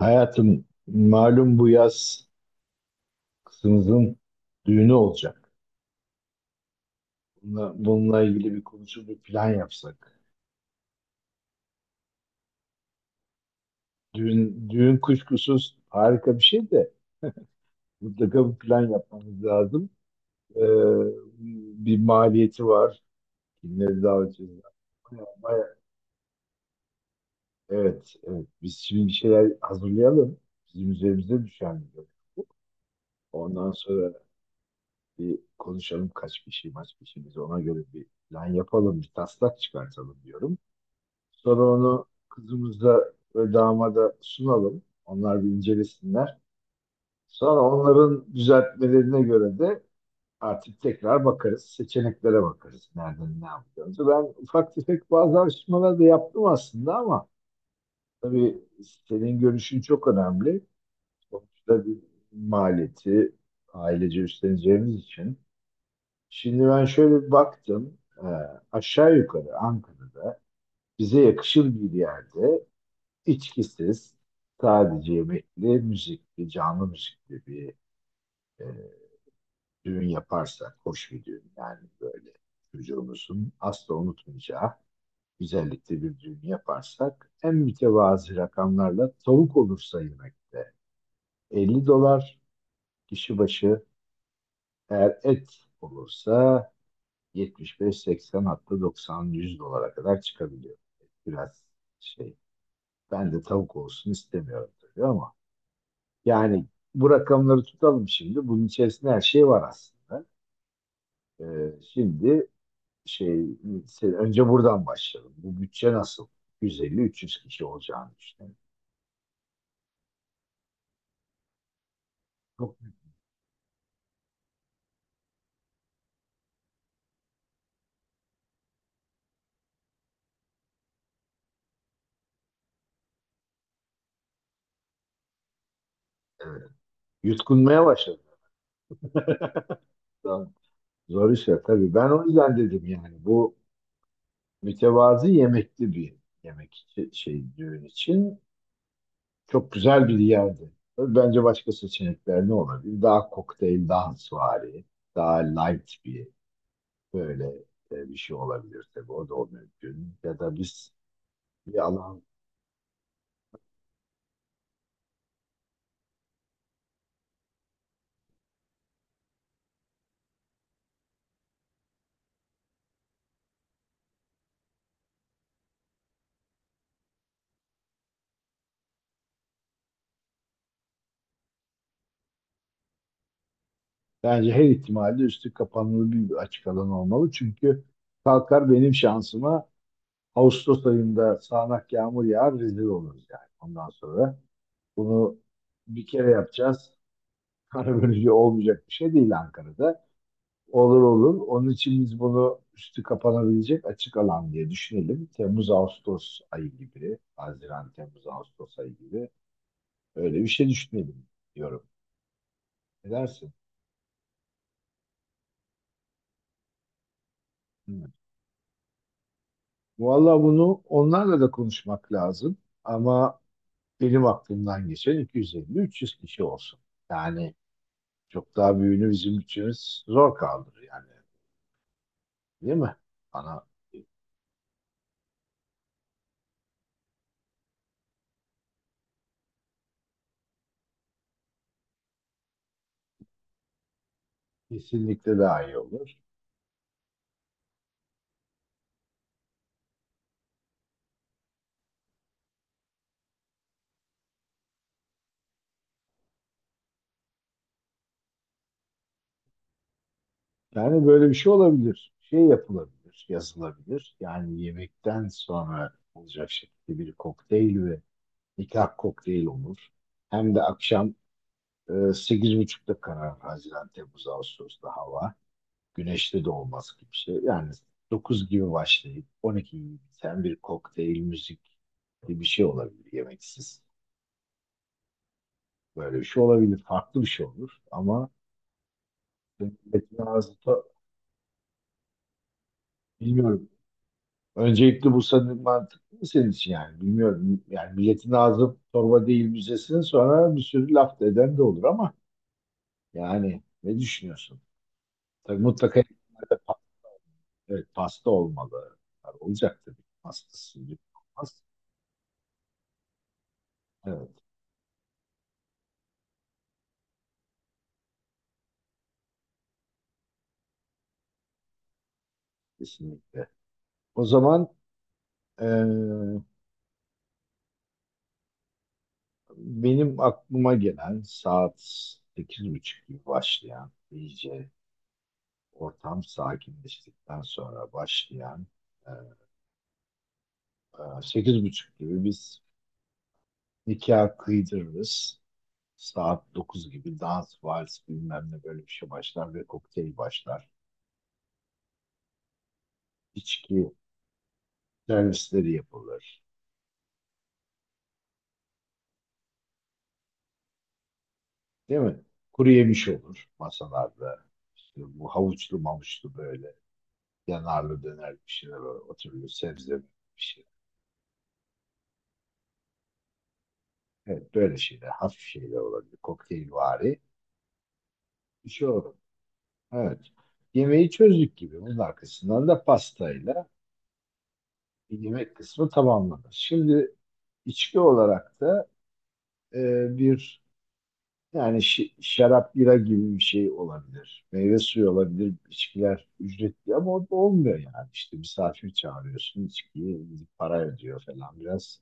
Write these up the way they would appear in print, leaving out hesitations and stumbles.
Hayatım malum bu yaz kızımızın düğünü olacak. Bununla ilgili bir konuşup bir plan yapsak. Düğün kuşkusuz harika bir şey de mutlaka bir plan yapmamız lazım. Ee, Bir maliyeti var. Kimleri davet edeceğiz? Baya, baya, evet, evet. Biz şimdi bir şeyler hazırlayalım. Bizim üzerimize düşen bir görev bu. Ondan sonra bir konuşalım kaç kişi biz, ona göre bir plan yapalım, bir taslak çıkartalım diyorum. Sonra onu kızımıza ve damada sunalım. Onlar bir incelesinler. Sonra onların düzeltmelerine göre de artık tekrar bakarız. Seçeneklere bakarız. Nereden ne yapacağımızı. Ben ufak tefek bazı araştırmalar da yaptım aslında ama tabii senin görüşün çok önemli. Sonuçta bir maliyeti ailece üstleneceğimiz için. Şimdi ben şöyle bir baktım. Ee, Aşağı yukarı Ankara'da bize yakışır bir yerde, İçkisiz, sadece yemekli, müzikli, canlı müzikli bir e, düğün yaparsak, hoş bir düğün yani, böyle çocuğumuzun asla unutmayacağı güzellikte bir düğün yaparsak, en mütevazi rakamlarla, tavuk olursa yemekte 50 dolar kişi başı, eğer et olursa 75-80, hatta 90-100 dolara kadar çıkabiliyor. Biraz şey ben de tavuk olsun istemiyorum tabii ama, yani bu rakamları tutalım şimdi. Bunun içerisinde her şey var aslında. Şimdi şey önce buradan başlayalım. Bu bütçe nasıl? 150-300 kişi olacağını düşünüyorum. Çok, evet. Yutkunmaya başladım. Tamam. Zor işler tabii. Ben o yüzden dedim yani, bu mütevazı yemekli bir yemek için- şey düğün için çok güzel bir yerdi. Tabii bence başka seçenekler ne olabilir? Daha kokteyl, daha suvari, daha light bir böyle bir şey olabilir tabii. O da mümkün. Ya da biz bir alan bence her ihtimalle üstü kapanılı bir açık alan olmalı. Çünkü kalkar benim şansıma, Ağustos ayında sağanak yağmur yağar, rezil oluruz yani. Ondan sonra bunu bir kere yapacağız. Sonra böylece olmayacak bir şey değil Ankara'da. Olur olur. Onun için biz bunu üstü kapanabilecek açık alan diye düşünelim. Temmuz-Ağustos ayı gibi, Haziran-Temmuz-Ağustos ayı gibi öyle bir şey düşünelim diyorum. Ne dersin? Hmm. Valla bunu onlarla da konuşmak lazım. Ama benim aklımdan geçen 250-300 kişi olsun. Yani çok daha büyüğünü bizim bütçemiz zor kaldırır yani. Değil mi? Bana Kesinlikle daha iyi olur. Yani böyle bir şey olabilir. Şey yapılabilir, yazılabilir. Yani yemekten sonra olacak şekilde bir kokteyl ve nikah kokteyli olur. Hem de akşam 8:30'da karar, Haziran, Temmuz, Ağustos'ta hava. Güneşli de olmaz gibi bir şey. Yani 9 gibi başlayıp 12 gibi biten bir kokteyl müzik gibi bir şey olabilir, yemeksiz. Böyle bir şey olabilir. Farklı bir şey olur ama milletin ağzı bilmiyorum. Öncelikle bu sanırım mantıklı mı senin için, yani bilmiyorum. Yani milletin ağzı torba değil, müzesin sonra, bir sürü laf da eden de olur ama yani ne düşünüyorsun? Tabii mutlaka. Evet, pasta olmalı. Tabii olacak tabii. Pastası olmaz. Evet, kesinlikle. O zaman eee, benim aklıma gelen saat 8:30 gibi başlayan, iyice ortam sakinleştikten sonra başlayan, eee, 8:30 gibi biz nikah kıydırırız. Saat 9 gibi dans, vals bilmem ne, böyle bir şey başlar ve kokteyl başlar. İçki servisleri yapılır. Değil mi? Kuru yemiş olur masalarda. İşte bu havuçlu mamuçlu, böyle yanarlı döner bir şeyler olur, oturuyor. Sebze bir şey. Evet, böyle şeyler. Hafif şeyler olabilir. Kokteylvari bir şey olur. Evet. Yemeği çözdük gibi. Bunun arkasından da pastayla yemek kısmı tamamlanır. Şimdi içki olarak da e, bir, yani şarap, bira gibi bir şey olabilir. Meyve suyu olabilir. İçkiler ücretli ama o da olmuyor yani. İşte misafir çağırıyorsun, içkiyi gidip para ödüyor falan biraz.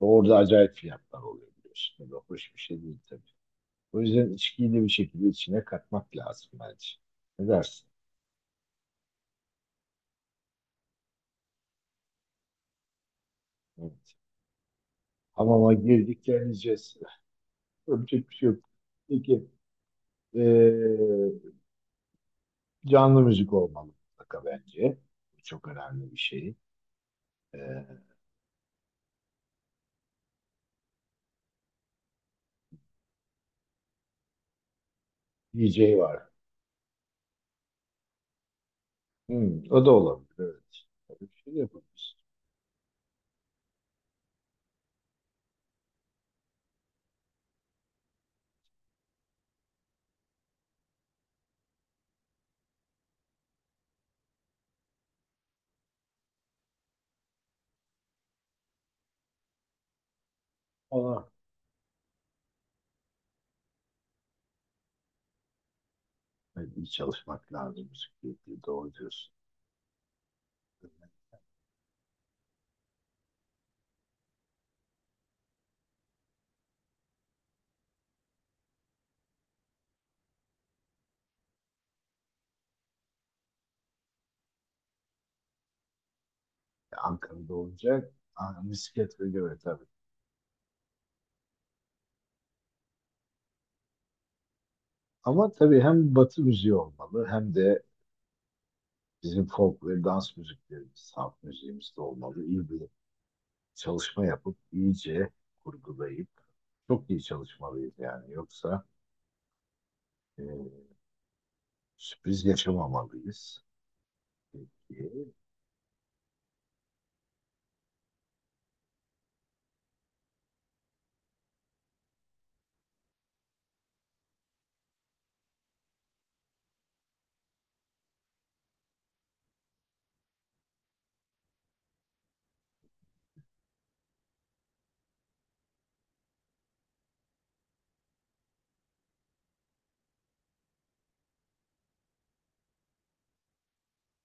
Orada acayip fiyatlar oluyor biliyorsun. O da hoş bir şey değil tabii. O yüzden içkiyi de bir şekilde içine katmak lazım bence. Ne dersin? Evet. Hamama girdik, geleceğiz. Öpecek bir şey yok. Peki, ee, canlı müzik olmalı mutlaka bence. Bu çok önemli bir şey. Ee, DJ var. Hmm, o da olabilir. Evet. Böyle bir şey de yapabiliriz. Ama hani iyi çalışmak lazım bisikletle. Doğru diyorsun. Ya Ankara'da olacak. Aa, bisiklet ve göre tabii. Ama tabii hem batı müziği olmalı, hem de bizim folk ve dans müziklerimiz, halk müziğimiz de olmalı. İyi bir çalışma yapıp iyice kurgulayıp çok iyi çalışmalıyız yani. Yoksa e, sürpriz yaşamamalıyız. Peki.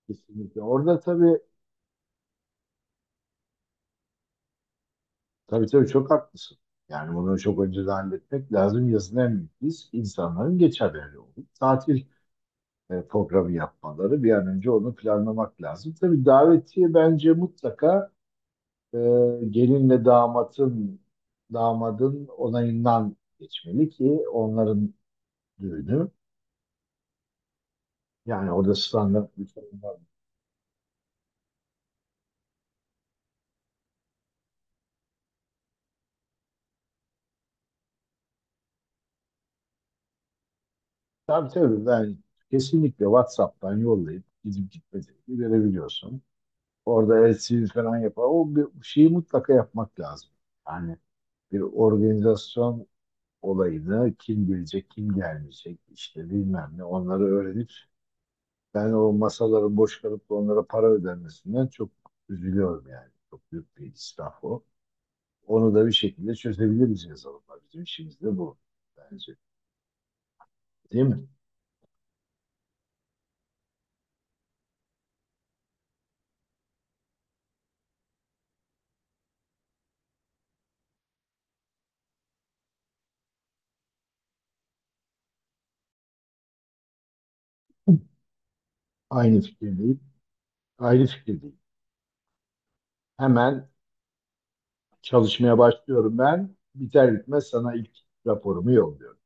Kesinlikle. Orada tabii. Tabii tabii, çok haklısın. Yani bunu çok önceden halletmek lazım. Yazın en büyük risk, insanların geçerleri olup tatil programı yapmaları. Bir an önce onu planlamak lazım. Tabii davetiye bence mutlaka e, gelinle damadın onayından geçmeli, ki onların düğünü. Yani orada standart bir sorun var mı? Tabii tabii, ben kesinlikle WhatsApp'tan yollayıp gidip gitmediğini görebiliyorsun. Orada LCD falan yapar. O bir şeyi mutlaka yapmak lazım. Yani bir organizasyon olayını, kim gelecek, kim gelmeyecek, işte bilmem ne, onları öğrenip, ben o masaların boş kalıp da onlara para ödenmesinden çok üzülüyorum yani. Çok büyük bir israf o. Onu da bir şekilde çözebiliriz yazılımla. Bizim işimiz de bu bence. Değil mi? Aynı fikirdeyim. Aynı fikirdeyim. Hemen çalışmaya başlıyorum ben. Biter bitmez sana ilk raporumu yolluyorum.